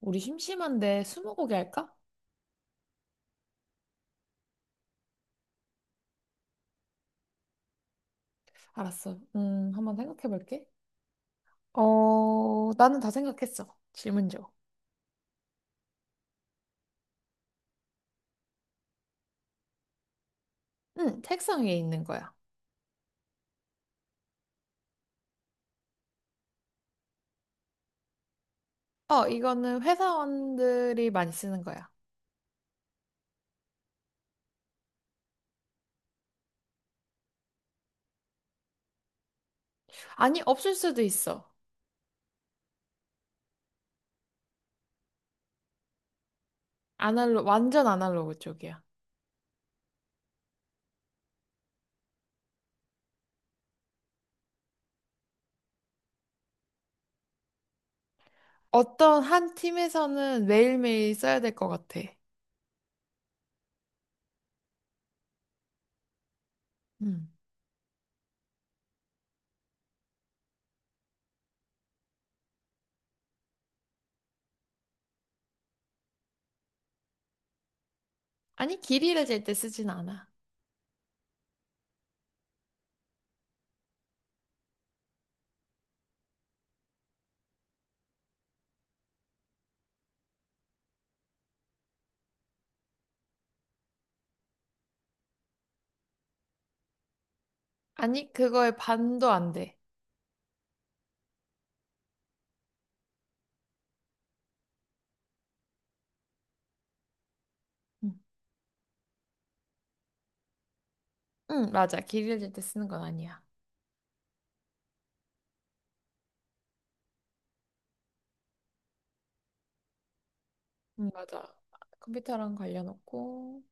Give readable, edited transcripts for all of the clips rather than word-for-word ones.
우리 심심한데 스무고개 할까? 알았어. 한번 생각해 볼게. 나는 다 생각했어. 질문 줘. 응, 책상 위에 있는 거야. 이거는 회사원들이 많이 쓰는 거야. 아니, 없을 수도 있어. 완전 아날로그 쪽이야. 어떤 한 팀에서는 매일매일 써야 될 것 같아. 음. 아니, 길이를 잴 때 쓰진 않아. 아니, 그거의 반도 안 돼. 응, 응, 맞아. 길이를 잴 때 쓰는 건 아니야. 응, 맞아. 아, 컴퓨터랑 관련 없고.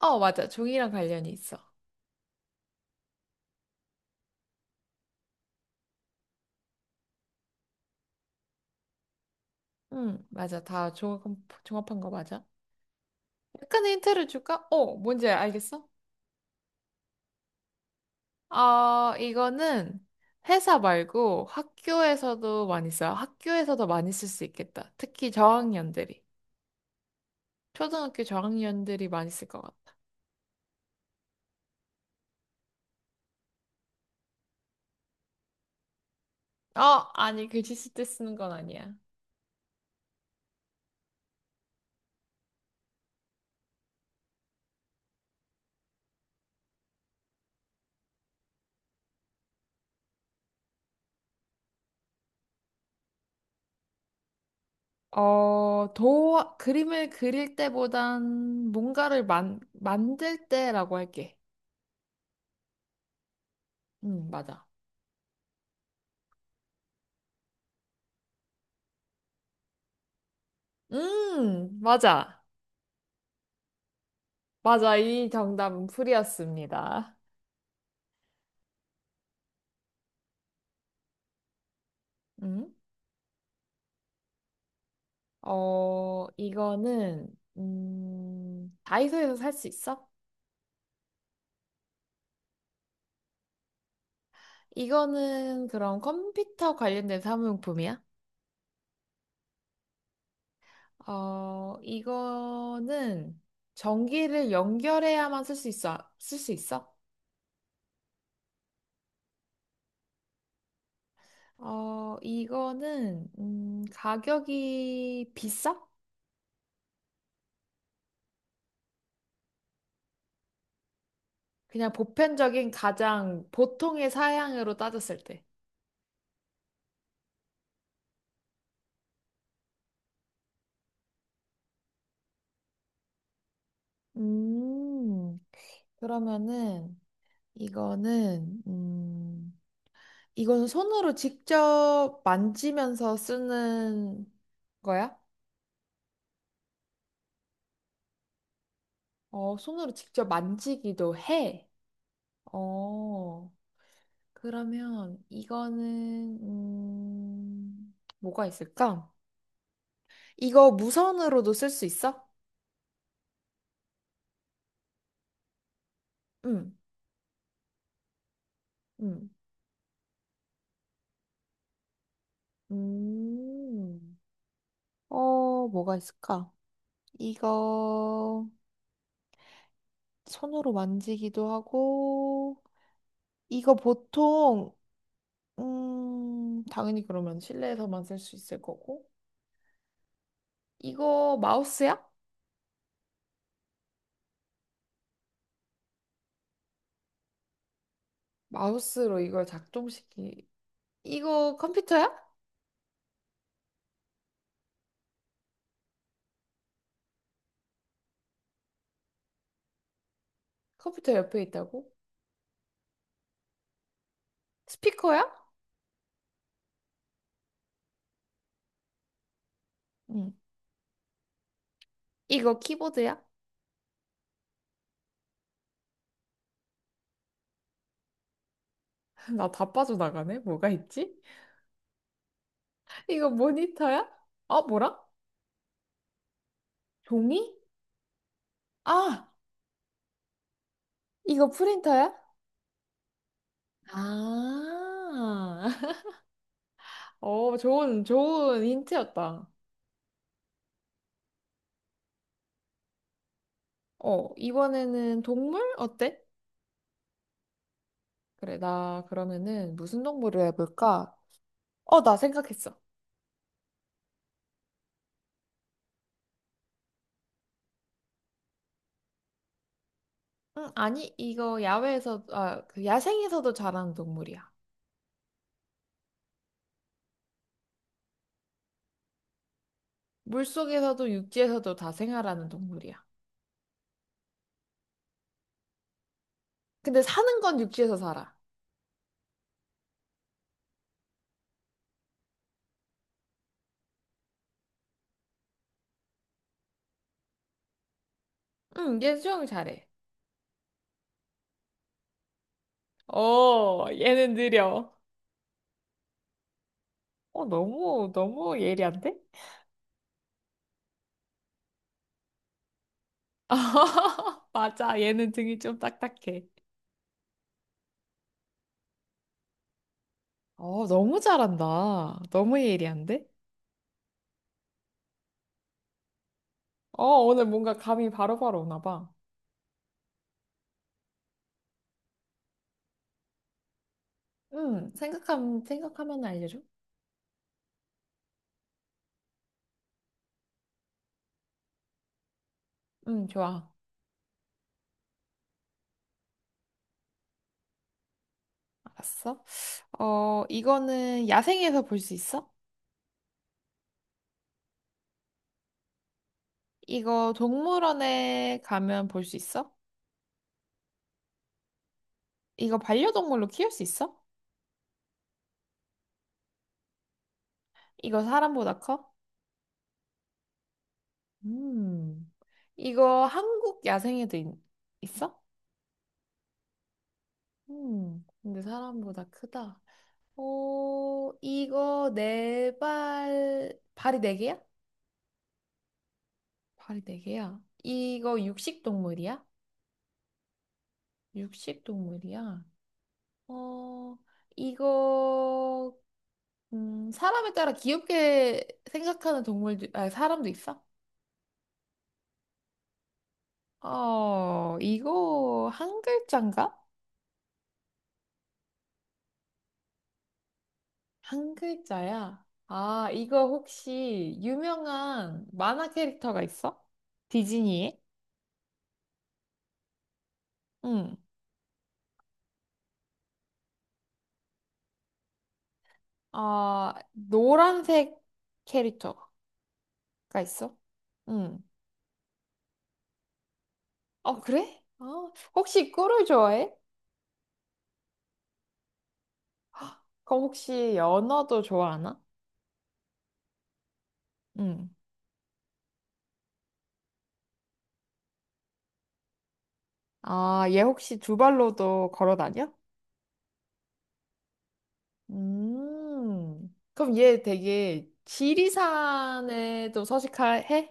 어, 맞아. 종이랑 관련이 있어. 응, 맞아. 다 종합한 거 맞아. 약간의 힌트를 줄까? 뭔지 알겠어? 이거는 회사 말고 학교에서도 많이 써요. 학교에서도 많이 쓸 수 있겠다. 특히 저학년들이. 초등학교 저학년들이 많이 쓸 것 같다. 어, 아니, 글씨 쓸 때 쓰는 건 아니야. 그림을 그릴 때보단 뭔가를 만들 때라고 할게. 응, 맞아. 맞아. 맞아, 이 정답은 풀이었습니다. 음, 이거는, 다이소에서 살 수 있어? 이거는 그럼 컴퓨터 관련된 사무용품이야? 이거는 전기를 연결해야만 쓸 수 있어? 이거는, 가격이 비싸? 그냥 보편적인 가장 보통의 사양으로 따졌을 때. 음, 그러면은, 이거는 이거는 손으로 직접 만지면서 쓰는 거야? 손으로 직접 만지기도 해. 어, 그러면 이거는 뭐가 있을까? 이거 무선으로도 쓸 수 있어? 응, 응, 음. 뭐가 있을까? 이거 손으로 만지기도 하고, 이거 보통 당연히 그러면 실내에서만 쓸 수 있을 거고. 이거 마우스야? 마우스로 이걸 작동시키. 이거 컴퓨터야? 컴퓨터 옆에 있다고? 스피커야? 응. 이거 키보드야? 나 다 빠져나가네. 뭐가 있지? 이거 모니터야? 뭐라? 종이? 아, 이거 프린터야? 아, 좋은, 좋은 힌트였다. 이번에는 동물? 어때? 그래, 나 그러면은 무슨 동물을 해볼까? 나 생각했어. 응, 아니, 그 야생에서도 자라는 동물이야. 물속에서도 육지에서도 다 생활하는 동물이야. 근데 사는 건 육지에서 살아. 응, 얘 수영 잘해. 얘는 느려. 너무, 너무 예리한데? 맞아, 얘는 등이 좀 딱딱해. 너무 잘한다. 너무 예리한데? 오늘 뭔가 감이 바로바로 오나 봐. 응, 생각하면 알려줘. 응, 좋아. 알았어. 이거는 야생에서 볼 수 있어? 이거 동물원에 가면 볼 수 있어? 이거 반려동물로 키울 수 있어? 이거 사람보다 커? 음. 이거 한국 야생에도 있어? 근데 사람보다 크다. 이거 발이 네 개야? 발이 네 개야. 이거 육식 동물이야? 육식 동물이야. 어, 이거 사람에 따라 귀엽게 생각하는 동물들 아, 사람도 있어? 이거 한 글자인가? 한 글자야. 아, 이거 혹시 유명한 만화 캐릭터가 있어? 디즈니에? 응. 아, 노란색 캐릭터가 있어? 응. 어, 그래? 혹시 꿀을 좋아해? 그럼 혹시 연어도 좋아하나? 응. 아, 얘 혹시 두 발로도 걸어 다녀? 음. 그럼 얘 되게 지리산에도 서식해?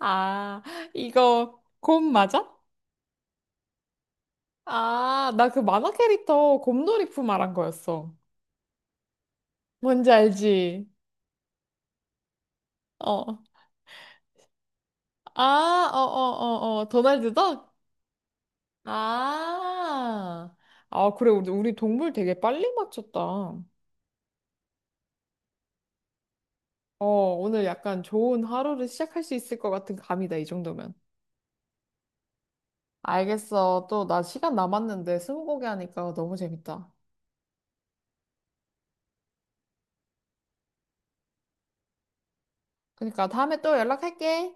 아, 이거 곰 맞아? 아, 나 그 만화 캐릭터 곰돌이푸 말한 거였어. 뭔지 알지? 어. 아, 어, 어, 어, 어. 도날드 덕? 아. 아, 그래. 우리 동물 되게 빨리 맞췄다. 오늘 약간 좋은 하루를 시작할 수 있을 것 같은 감이다, 이 정도면. 알겠어. 또 나 시간 남았는데 스무고개 하니까 너무 재밌다. 그러니까 다음에 또 연락할게.